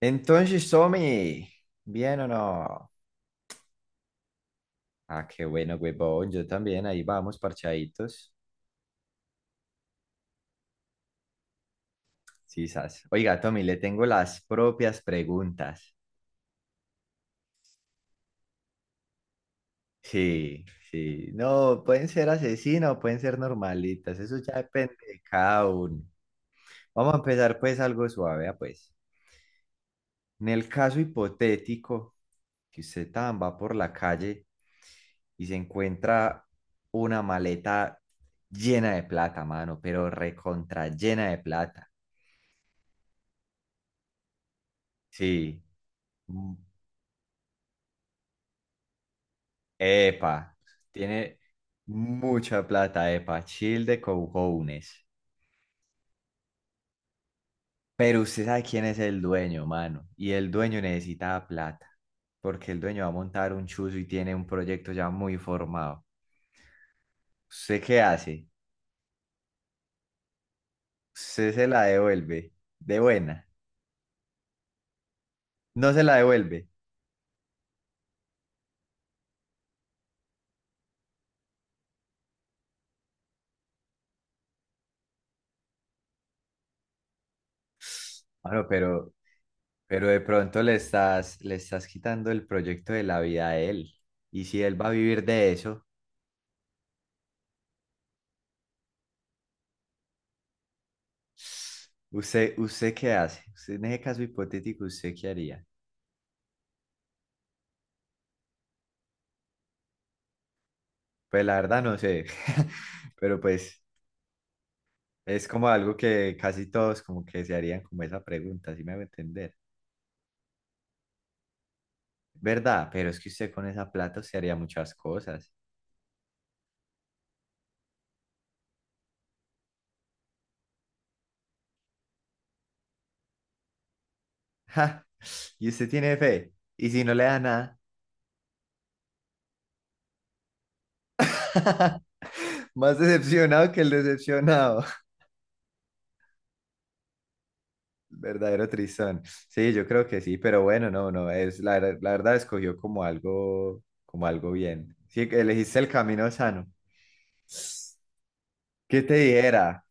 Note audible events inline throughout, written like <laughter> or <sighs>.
Entonces, Tommy, ¿bien o no? Ah, qué bueno, huevón. Yo también, ahí vamos, parchaditos. Sí, sas. Oiga, Tommy, le tengo las propias preguntas. Sí, sí. No, pueden ser asesinos, pueden ser normalitas. Eso ya depende de cada uno. Vamos a empezar, pues, algo suave, ah, pues. En el caso hipotético, que usted tan va por la calle y se encuentra una maleta llena de plata, mano, pero recontra llena de plata. Sí. Mm. Epa, tiene mucha plata, epa, chill de cojones. Pero usted sabe quién es el dueño, mano, y el dueño necesita plata, porque el dueño va a montar un chuzo y tiene un proyecto ya muy formado. ¿Usted qué hace? Usted se la devuelve, de buena. No se la devuelve. Bueno, pero de pronto le estás quitando el proyecto de la vida a él. Y si él va a vivir de eso, ¿usted qué hace? Usted, en ese caso hipotético, ¿usted qué haría? Pues la verdad no sé. <laughs> Pero pues es como algo que casi todos como que se harían como esa pregunta, si me va a entender. ¿Verdad? Pero es que usted con esa plata se haría muchas cosas. <laughs> Ja, y usted tiene fe. Y si no le da nada. <laughs> Más decepcionado que el decepcionado. <laughs> Verdadero tristón. Sí, yo creo que sí, pero bueno, no, no, es la verdad escogió como algo bien. Sí, que elegiste el camino sano. ¿Qué te dijera?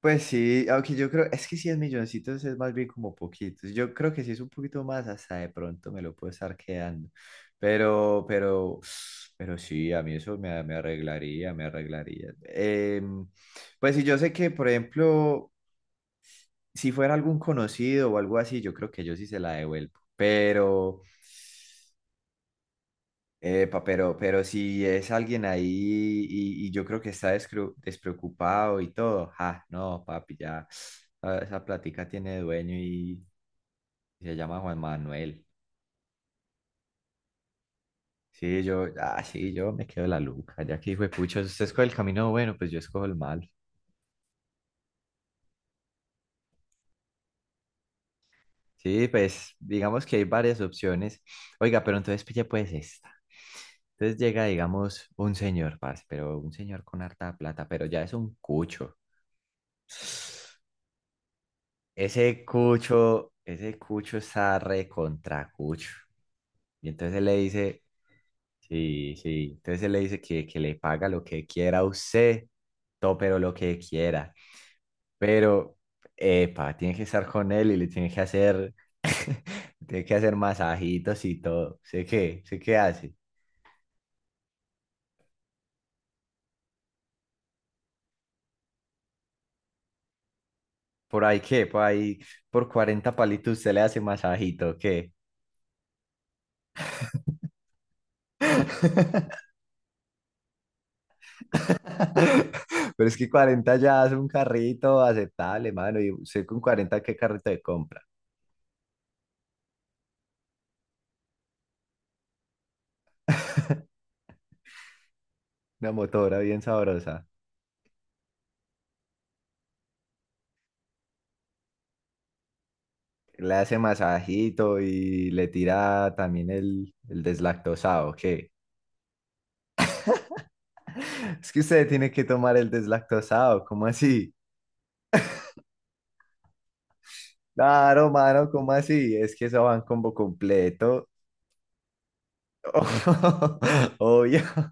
Pues sí, aunque yo creo, es que si es milloncitos es más bien como poquitos. Yo creo que si es un poquito más, hasta de pronto me lo puedo estar quedando. Pero, pero, pero sí, a mí eso me arreglaría, me arreglaría. Pues sí, yo sé que, por ejemplo, si fuera algún conocido o algo así, yo creo que yo sí se la devuelvo. Pero, epa, pero si es alguien ahí y yo creo que está despreocupado y todo, ah, no, papi, ya, ah, esa plática tiene dueño y se llama Juan Manuel. Sí, yo, ah, sí, yo me quedo la luca, ya que hijo de pucha, usted escoge el camino bueno, pues yo escojo el malo. Sí, pues digamos que hay varias opciones. Oiga, pero entonces pille pues esta. Entonces llega, digamos, un señor, parce, pero un señor con harta plata, pero ya es un cucho. Ese cucho está re contra cucho. Y entonces él le dice, sí, sí, entonces él le dice que le paga lo que quiera a usted, todo, pero lo que quiera. Pero, epa, tiene que estar con él y le tiene que hacer <laughs> Tiene que hacer masajitos y todo. ¿Sé qué? ¿Sé qué hace? Por ahí qué, por ahí, Por 40 palitos usted le hace masajito, ¿qué? <laughs> Pero es que 40 ya hace un carrito aceptable, mano. Y usted con 40 ¿qué carrito de compra? <laughs> Una motora bien sabrosa. Le hace masajito y le tira también el deslactosado, ¿qué? Es que usted tiene que tomar el deslactosado, ¿cómo así? Claro, mano, ¿cómo así? Es que eso va en combo completo. Obvio. <laughs>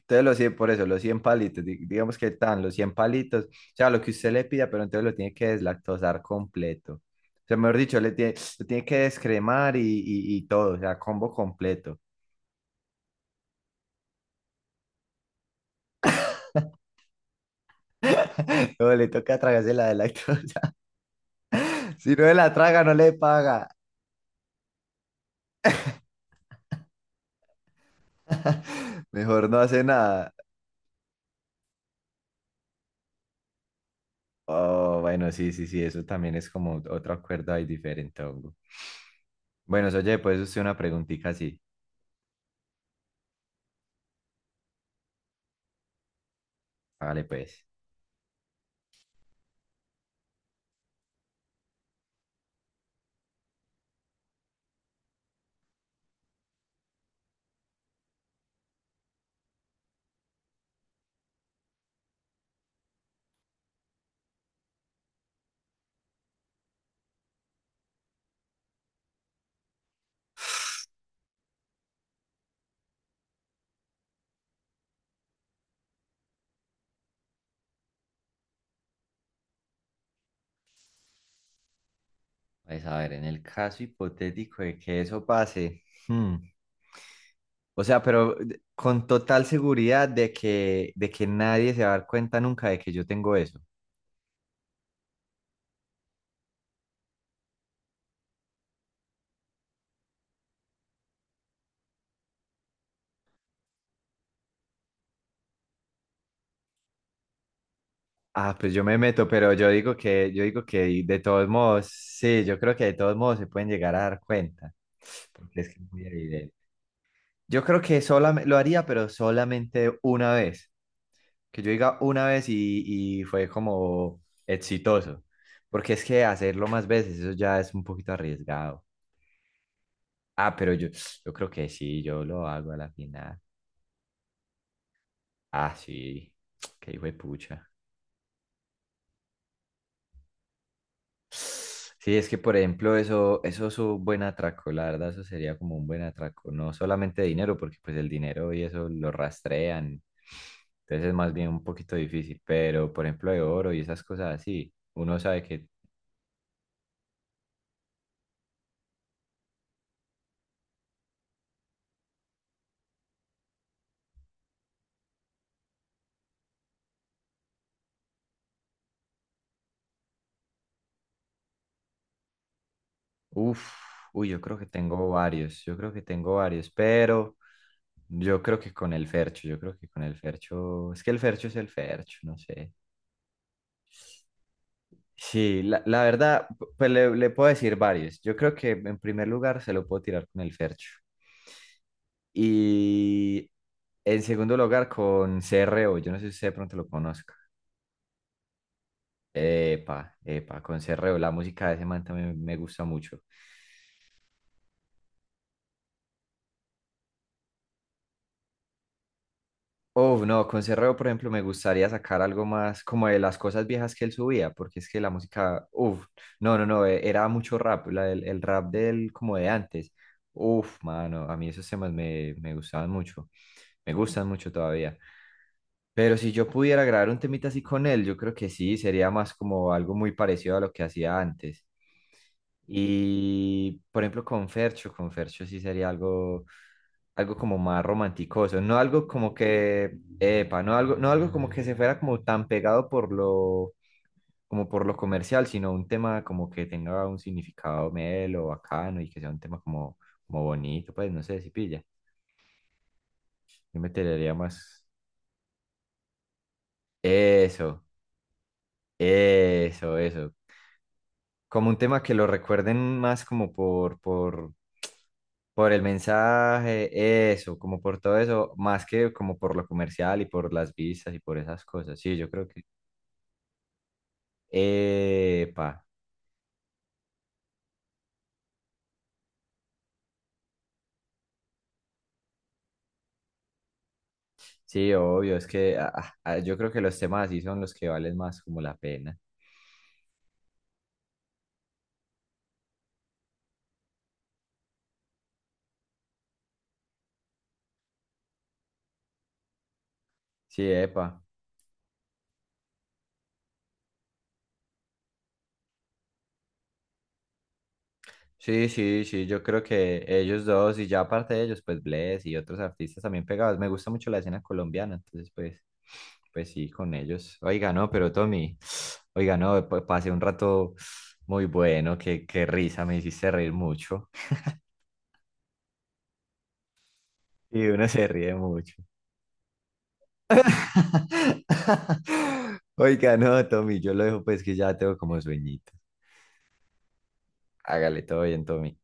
Entonces los 100 por eso, los cien palitos, digamos que están los 100 palitos, o sea, lo que usted le pida, pero entonces lo tiene que deslactosar completo. O sea, mejor dicho, le tiene, lo tiene que descremar y todo, o sea, combo completo. <laughs> No, le toca tragarse la de lactosa. <laughs> Si no se la traga, no le paga. <laughs> Mejor no hace nada. Oh, bueno, sí, sí, sí, eso también es como otro acuerdo ahí diferente, hongo. Bueno, oye, pues usted una preguntita así. Hágale pues. Pues a ver, en el caso hipotético de que eso pase, hmm, o sea, con total seguridad de que nadie se va a dar cuenta nunca de que yo tengo eso. Ah, pues yo me meto, pero yo digo que de todos modos, sí, yo creo que de todos modos se pueden llegar a dar cuenta, porque es que es muy evidente. Yo creo que solamente lo haría, pero solamente una vez, que yo diga una vez y fue como exitoso, porque es que hacerlo más veces, eso ya es un poquito arriesgado. Ah, pero yo, yo creo que sí, yo lo hago a la final. Ah, sí, <tsk> qué hijo de pucha. Sí, es que por ejemplo, eso es un buen atraco, la verdad, eso sería como un buen atraco, no solamente dinero, porque pues el dinero y eso lo rastrean, entonces es más bien un poquito difícil, pero por ejemplo de oro y esas cosas así, uno sabe que, uff, uy, yo creo que tengo varios, pero yo creo que con el Fercho, es que el Fercho es el Fercho, no sé. Sí, la verdad, pues le puedo decir varios. Yo creo que en primer lugar se lo puedo tirar con el Fercho. Y en segundo lugar con CRO. Yo no sé si usted de pronto lo conozca. Epa, epa, con CRO. La música de ese man también me gusta mucho. Oh, no, con Cerreo, por ejemplo, me gustaría sacar algo más como de las cosas viejas que él subía, porque es que la música, uff, no, no, no, era mucho rap, el rap del como de antes. Uff, mano, a mí esos temas me gustaban mucho, me gustan mucho todavía. Pero si yo pudiera grabar un temita así con él, yo creo que sí, sería más como algo muy parecido a lo que hacía antes. Y por ejemplo con Fercho sí sería algo, algo como más romanticoso, no algo como que, epa, no algo como que se fuera como tan pegado como por lo comercial, sino un tema como que tenga un significado melo, bacano y que sea un tema como, como bonito, pues no sé si pilla. Yo me tiraría más eso, eso, eso, como un tema que lo recuerden más por el mensaje, eso, como por todo eso, más que como por lo comercial y por las vistas y por esas cosas. Sí, yo creo que... Epa, sí, obvio, es que ah, ah, yo creo que los temas así son los que valen más como la pena. Sí, epa. Sí, sí, sí, yo creo que ellos dos y ya aparte de ellos, pues Bless y otros artistas también pegados. Me gusta mucho la escena colombiana, entonces pues, pues sí, con ellos. Oiga, no, pero Tommy, <sighs> oiga, no, pasé un rato muy bueno, qué risa, me hiciste reír mucho. <laughs> Y uno se ríe mucho. <laughs> Oiga, no, Tommy, yo lo dejo pues que ya tengo como sueñito. Hágale todo bien, Tommy.